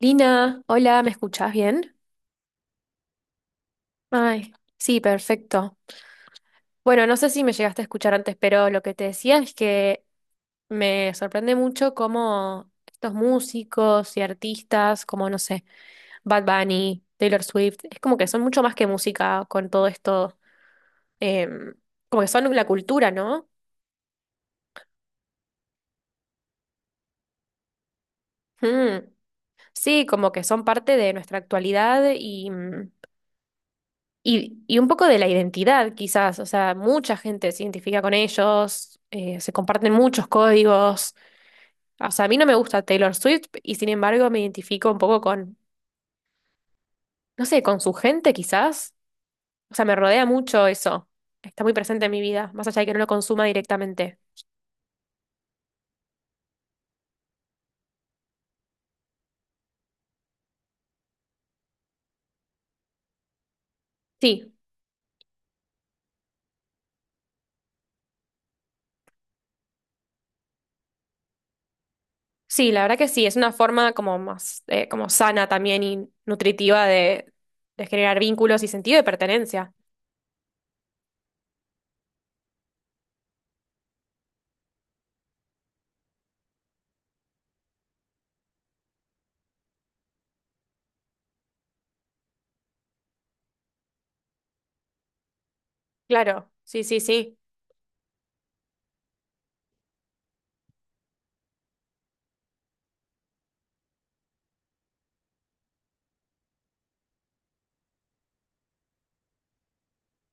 Lina, hola, ¿me escuchás bien? Ay, sí, perfecto. Bueno, no sé si me llegaste a escuchar antes, pero lo que te decía es que me sorprende mucho cómo estos músicos y artistas, como no sé, Bad Bunny, Taylor Swift, es como que son mucho más que música con todo esto, em, como que son la cultura, ¿no? Mm. Sí, como que son parte de nuestra actualidad y y un poco de la identidad, quizás, o sea, mucha gente se identifica con ellos, se comparten muchos códigos. O sea, a mí no me gusta Taylor Swift y sin embargo me identifico un poco con no sé, con su gente quizás. O sea, me rodea mucho eso. Está muy presente en mi vida, más allá de que no lo consuma directamente. Sí, sí, la verdad que sí, es una forma como más, como sana también y nutritiva de generar vínculos y sentido de pertenencia. Claro, sí, sí, sí.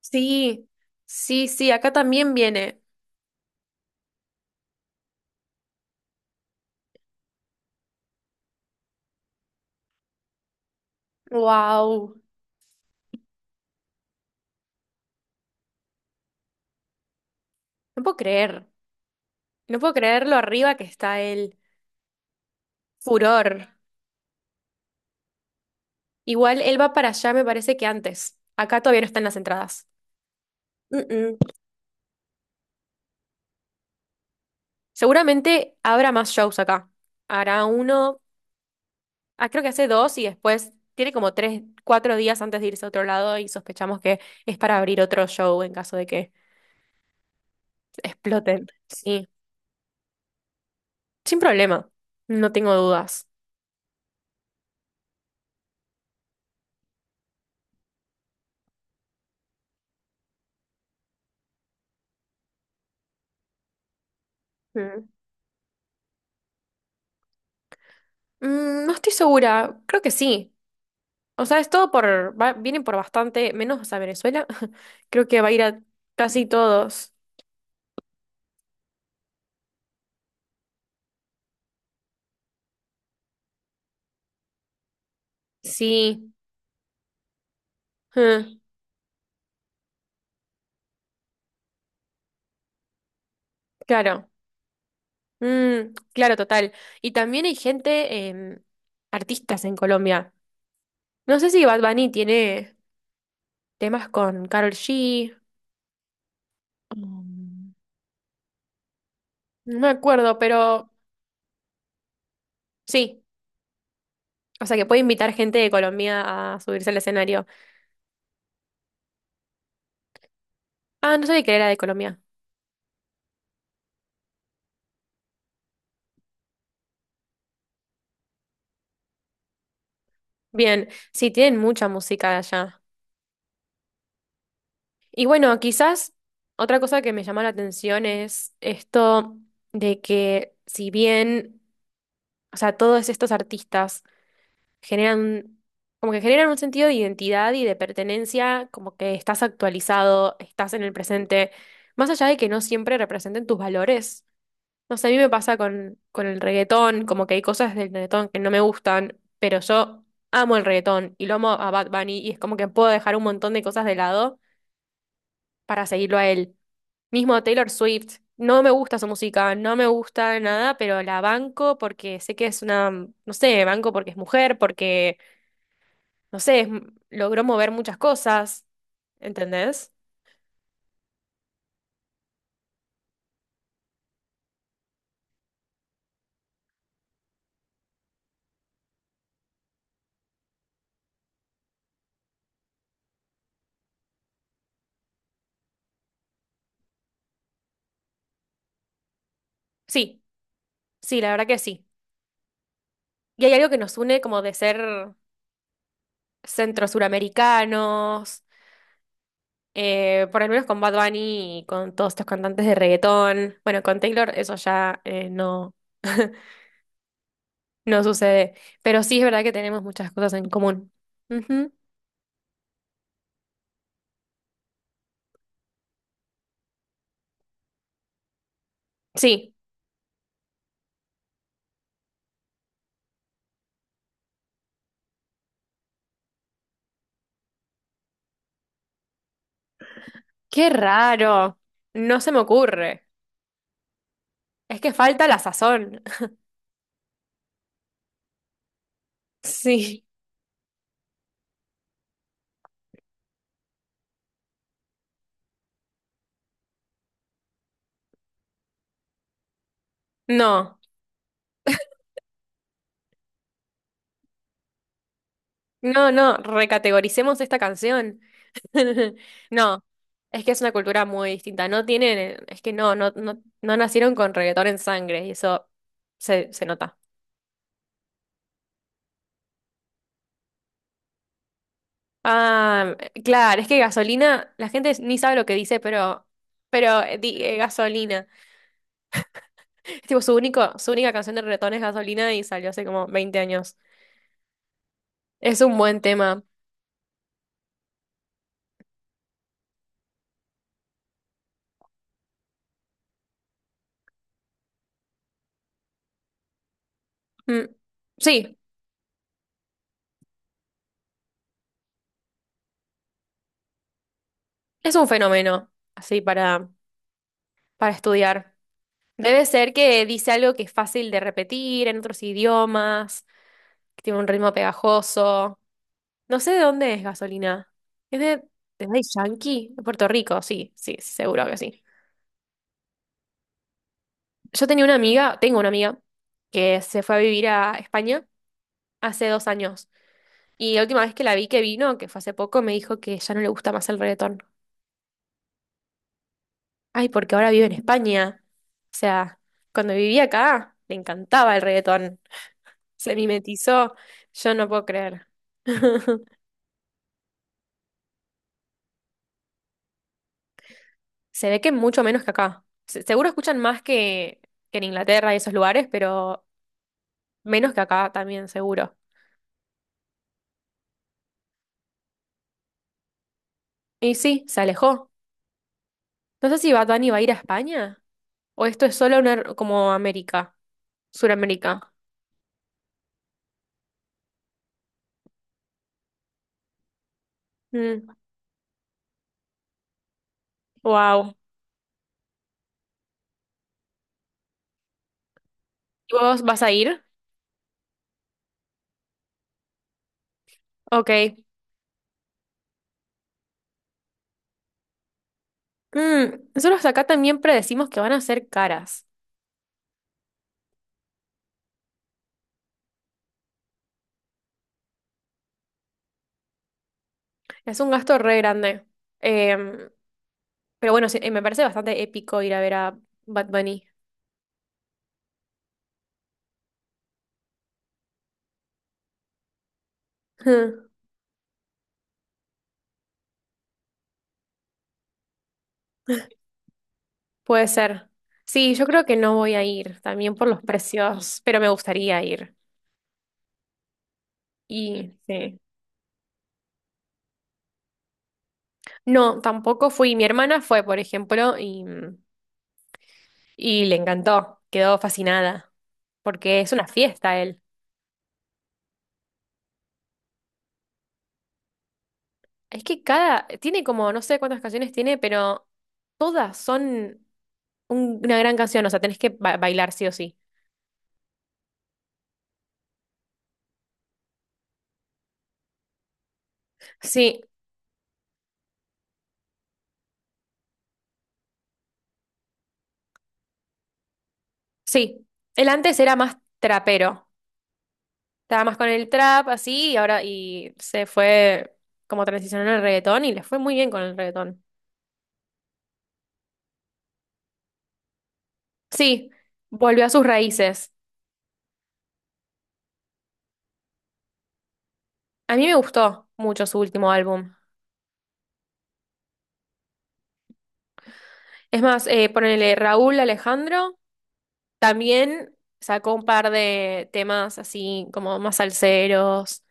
Sí, sí, sí, acá también viene. Wow, no puedo creer, no puedo creer lo arriba que está el furor. Igual él va para allá, me parece que antes. Acá todavía no están las entradas. Mm, mm. Seguramente habrá más shows acá. Hará uno, ah, creo que hace dos y después tiene como tres, cuatro días antes de irse a otro lado y sospechamos que es para abrir otro show en caso de que exploten. Sí, sin problema, no tengo dudas. Mm. Mm, no estoy segura, creo que sí. O sea, es todo por, vienen por bastante, menos a Venezuela. Creo que va a ir a casi todos. Sí, mm, claro. Mm, claro, total. Y también hay gente, artistas en Colombia. No sé si Bad Bunny tiene temas con Karol G. Mm, no me acuerdo, pero sí. O sea, que puede invitar gente de Colombia a subirse al escenario. Ah, no sabía que era de Colombia. Bien, sí, tienen mucha música de allá. Y bueno, quizás otra cosa que me llama la atención es esto de que si bien, o sea, todos estos artistas generan, como que generan un sentido de identidad y de pertenencia, como que estás actualizado, estás en el presente, más allá de que no siempre representen tus valores. No sé, a mí me pasa con el reggaetón, como que hay cosas del reggaetón que no me gustan, pero yo amo el reggaetón y lo amo a Bad Bunny y es como que puedo dejar un montón de cosas de lado para seguirlo a él. Mismo Taylor Swift, no me gusta su música, no me gusta nada, pero la banco porque sé que es una, no sé, banco porque es mujer, porque, no sé, logró mover muchas cosas, ¿entendés? Sí, sí, la verdad que sí. Y hay algo que nos une como de ser centro-suramericanos, por lo menos con Bad Bunny y con todos estos cantantes de reggaetón. Bueno, con Taylor eso ya no, no sucede, pero sí es verdad que tenemos muchas cosas en común. Ujú. Sí. Qué raro. No se me ocurre. Es que falta la sazón. Sí. No, no, no. Recategoricemos esta canción. No. Es que es una cultura muy distinta. No tienen, es que no, no, no, no nacieron con reggaetón en sangre y eso se nota. Ah, claro, es que gasolina, la gente ni sabe lo que dice, pero gasolina. Es tipo su único, su única canción de reggaetón es gasolina y salió hace como 20 años. Es un buen tema. Mm, sí, es un fenómeno así para estudiar. Debe ser que dice algo que es fácil de repetir en otros idiomas, que tiene un ritmo pegajoso. No sé de dónde es Gasolina. ¿Es de Daddy Yankee? De Puerto Rico, sí, sí, seguro que sí. Yo tenía una amiga, tengo una amiga, que se fue a vivir a España hace 2 años. Y la última vez que la vi que vino, que fue hace poco, me dijo que ya no le gusta más el reggaetón. Ay, porque ahora vive en España. O sea, cuando vivía acá, le encantaba el reggaetón. Se mimetizó. Yo no puedo creer. Se ve que mucho menos que acá. Seguro escuchan más que en Inglaterra y esos lugares, pero menos que acá también, seguro. Y sí, se alejó. No sé si Bad Bunny va a ir a España o esto es solo una, como América, Suramérica. Wow. ¿Y vos vas a ir? Ok. Mm, nosotros acá también predecimos que van a ser caras. Es un gasto re grande. Em, pero bueno, sí, me parece bastante épico ir a ver a Bad Bunny. Puede ser. Sí, yo creo que no voy a ir, también por los precios, pero me gustaría ir. Y sí. No, tampoco fui. Mi hermana fue, por ejemplo, y le encantó. Quedó fascinada. Porque es una fiesta él. Es que cada, tiene como, no sé cuántas canciones tiene, pero todas son una gran canción. O sea, tenés que bailar sí o sí. Sí, sí, el antes era más trapero, estaba más con el trap así y ahora y se fue como transicionó al reggaetón y le fue muy bien con el reggaetón. Sí, volvió a sus raíces. A mí me gustó mucho su último álbum. Es más, ponele Raúl Alejandro también sacó un par de temas así como más salseros.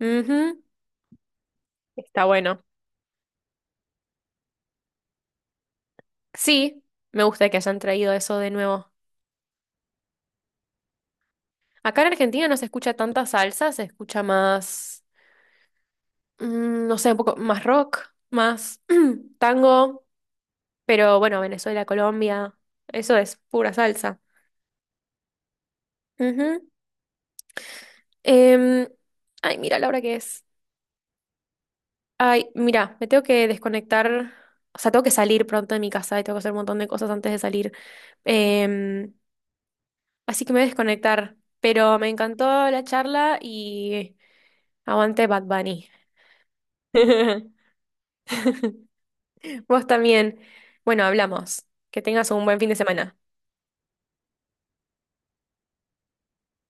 Ujú, está bueno. Sí, me gusta que hayan traído eso de nuevo. Acá en Argentina no se escucha tanta salsa, se escucha más no sé, un poco más rock, más tango, pero bueno, Venezuela, Colombia, eso es pura salsa. Ujú. Em, ay, mira la hora que es. Ay, mira, me tengo que desconectar, o sea, tengo que salir pronto de mi casa y tengo que hacer un montón de cosas antes de salir. Em, así que me voy a desconectar, pero me encantó la charla y aguante Bad Bunny. Vos también. Bueno, hablamos. Que tengas un buen fin de semana.